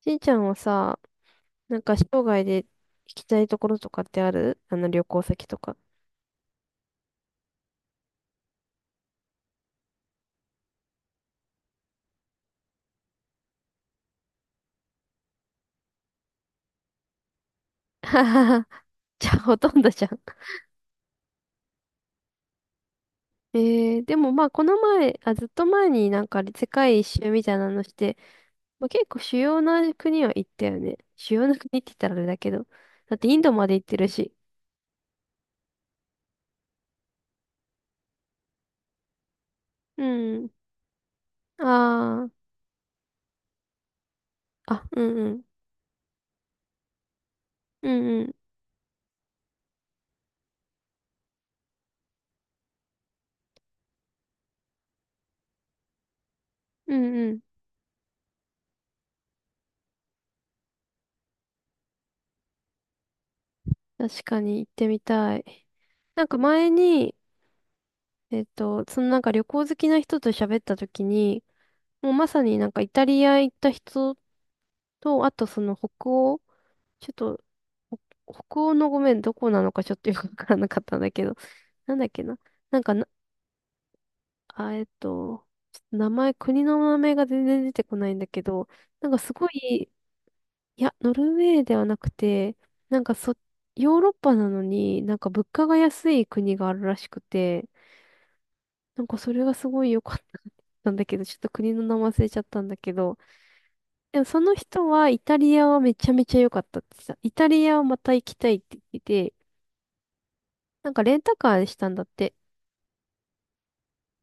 しんちゃんはさ、なんか生涯で行きたいところとかってある旅行先とか。ははは。じゃあほとんどじゃん。でもまあこの前、あ、ずっと前になんか世界一周みたいなのして、まあ、結構主要な国は行ったよね。主要な国って言ったらあれだけど。だってインドまで行ってるし。うん。ああ。あ、うんうん。うんうん。うんうん。確かに行ってみたい。なんか前に、そのなんか旅行好きな人と喋った時に、もうまさになんかイタリア行った人と、あとその北欧、ちょっと、ほ北欧のごめん、どこなのかちょっとよくわからなかったんだけど、なんだっけな。なんかな、あ、ちょっと名前、国の名前が全然出てこないんだけど、なんかすごい、いや、ノルウェーではなくて、なんかそ、ヨーロッパなのになんか物価が安い国があるらしくて、なんかそれがすごい良かったんだけど、ちょっと国の名前忘れちゃったんだけど、でもその人はイタリアはめちゃめちゃ良かったってさ、イタリアをまた行きたいって言ってて、なんかレンタカーしたんだって。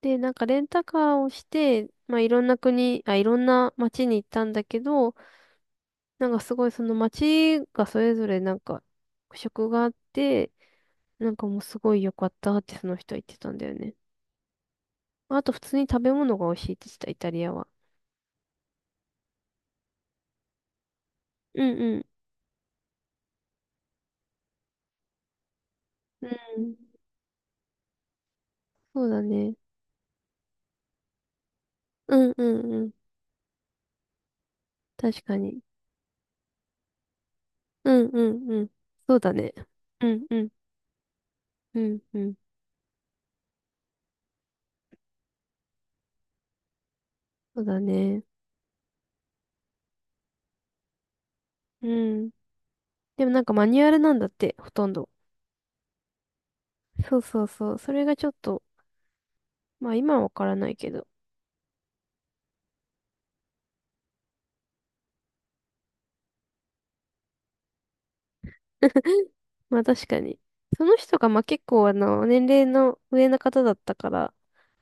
で、なんかレンタカーをして、まあいろんな国、あ、いろんな街に行ったんだけど、なんかすごいその街がそれぞれなんか特色があって、なんかもうすごい良かったってその人は言ってたんだよね。あと普通に食べ物が美味しいって言ってた、イタリアは。うんうん。うん。そうだね。うんうんうん。確かに。うんうんうん。そうだね。うんうんうんうん。そうだね。うん。でもなんかマニュアルなんだって、ほとんど。そうそうそう。それがちょっと、まあ今はわからないけど。まあ確かに。その人がまあ結構年齢の上の方だったから、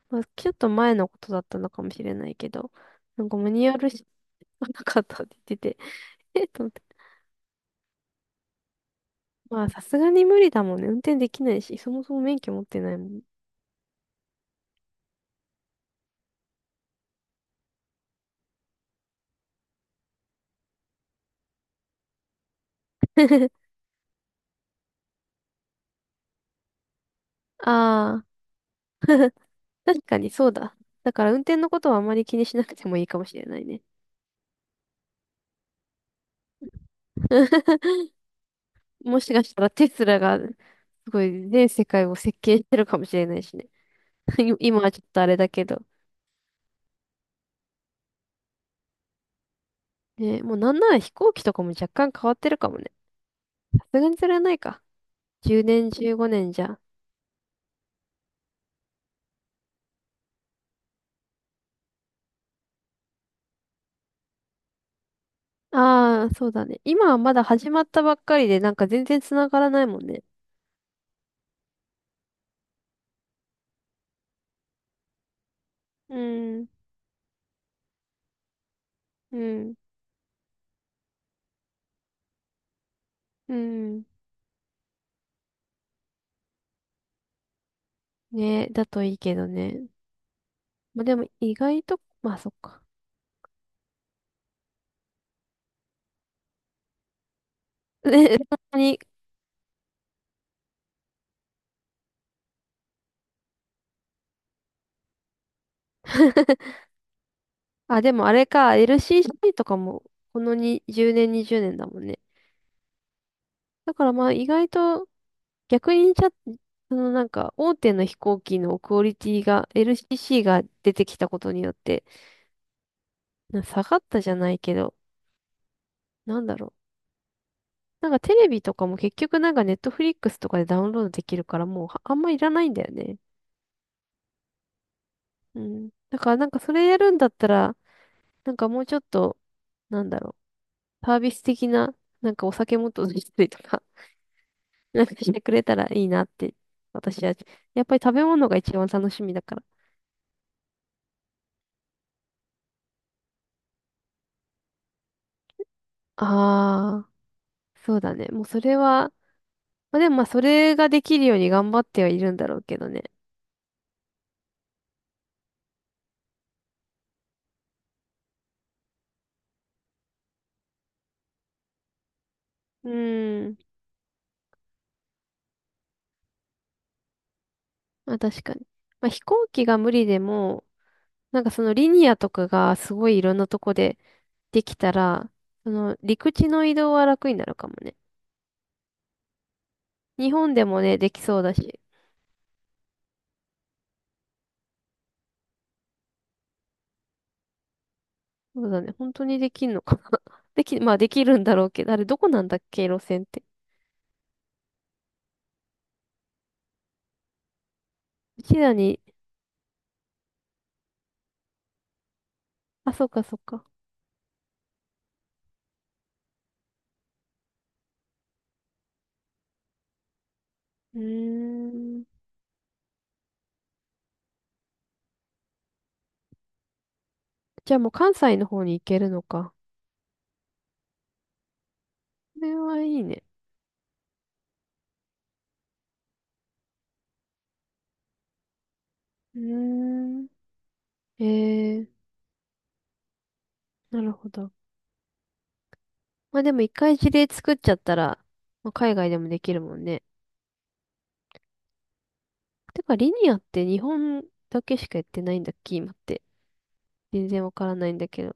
まあちょっと前のことだったのかもしれないけど、なんかマニュアルし なかったって言ってて、えっと思って。まあさすがに無理だもんね。運転できないし、そもそも免許持ってないもん。ああ。確かにそうだ。だから運転のことはあまり気にしなくてもいいかもしれないね。もしかしたらテスラがすごい全世界を席巻してるかもしれないしね。今はちょっとあれだけど。ね、もうなんなら飛行機とかも若干変わってるかもね。さすがにそれはないか。10年、15年じゃ。ああ、そうだね。今はまだ始まったばっかりで、なんか全然繋がらないもんね。うん、うん、うん。ね、だといいけどね。まあでも意外と、まあそっか。ね、そんなにあ、でもあれか、LCC とかも、このに10年、20年だもんね。だからまあ意外と、逆にちゃ、そのなんか、大手の飛行機のクオリティが、LCC が出てきたことによって、下がったじゃないけど、なんだろう。なんかテレビとかも結局なんかネットフリックスとかでダウンロードできるから、もうはあんまいらないんだよね。うん。だからなんかそれやるんだったら、なんかもうちょっと、なんだろう。サービス的な、なんかお酒もっと出したりとかなんかしてくれたらいいなって、私は、やっぱり食べ物が一番楽しみだから。ああ、そうだね。もうそれは、まあでもまあそれができるように頑張ってはいるんだろうけどね。うーん。まあ確かに。まあ飛行機が無理でも、なんかそのリニアとかがすごいいろんなとこでできたら、その陸地の移動は楽になるかもね。日本でもね、できそうだし。そうだね。本当にできんのかな。まあできるんだろうけど、あれどこなんだっけ、路線って。うちらにあ、そっかそっか。うーん。じゃあもう関西の方に行けるのか。これはいいね。うーん。えー、なるほど。まあでも一回事例作っちゃったら、まあ、海外でもできるもんね。てか、リニアって日本だけしかやってないんだっけ今って。全然わからないんだけど。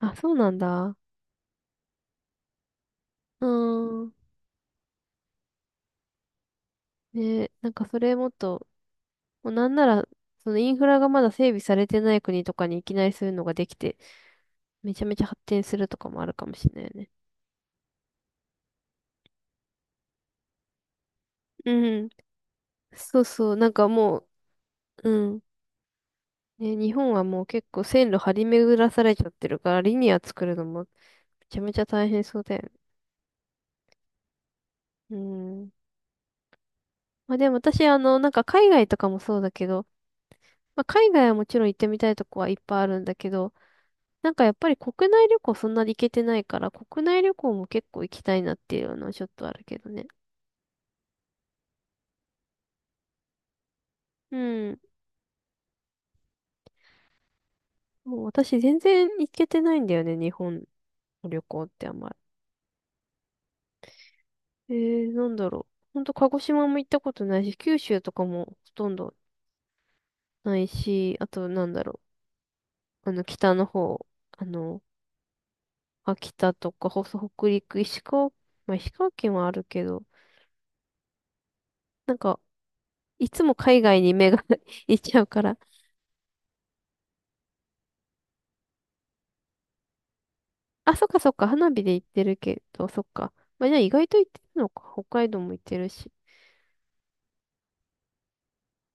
あ、そうなんだ。うーん。ねなんかそれもっと、もうなんなら、そのインフラがまだ整備されてない国とかにいきなりそういうのができて、めちゃめちゃ発展するとかもあるかもしれないよね。うん。そうそう、なんかもう、うん。ね、日本はもう結構線路張り巡らされちゃってるから、リニア作るのもめちゃめちゃ大変そうだよね。うん。まあでも私、なんか海外とかもそうだけど、まあ海外はもちろん行ってみたいとこはいっぱいあるんだけど、なんかやっぱり国内旅行そんなに行けてないから、国内旅行も結構行きたいなっていうのはちょっとあるけどね。うん。もう私全然行けてないんだよね、日本の旅行ってあんまり。なんだろう。ほんと、鹿児島も行ったことないし、九州とかもほとんどないし、あと、なんだろう。北の方、あの、秋田とか、北陸、石川、まあ、石川県はあるけど、なんか、いつも海外に目が 行っちゃうから。あ、そっかそっか、花火で行ってるけど、そっか。まあ、じゃあ意外と行ってるのか。北海道も行ってるし。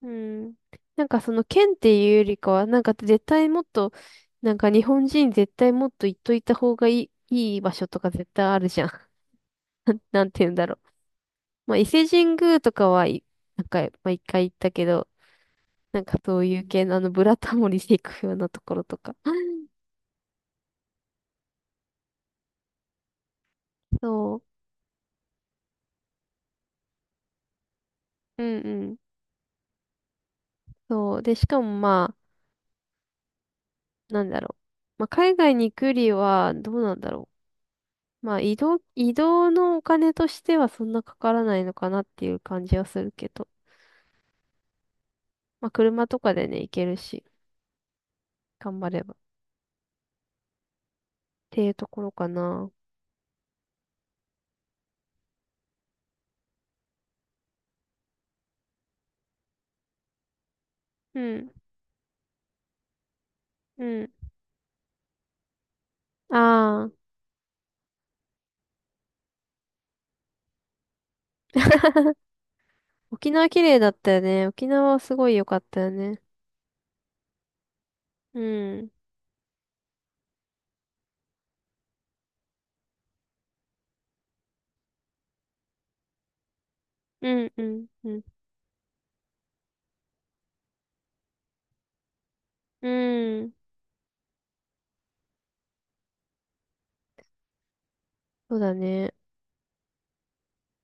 うん。なんかその県っていうよりかは、なんか絶対もっと、なんか日本人絶対もっと行っといた方がいい、いい場所とか絶対あるじゃん。なんなんて言うんだろう。まあ伊勢神宮とかはい、なんか、まあ一回行ったけど、なんかそういう系のあのブラタモリで行くようなところとか。そう。うんうん。そう。で、しかもまあ、なんだろう。まあ海外に行くよりは、どうなんだろう。まあ移動のお金としてはそんなかからないのかなっていう感じはするけど。まあ、車とかでね、行けるし、頑張れば。っていうところかな。うん。うん。ああ、沖縄綺麗だったよね。沖縄すごい良かったよね。うん。うん、うん、うん。うん。そうだね。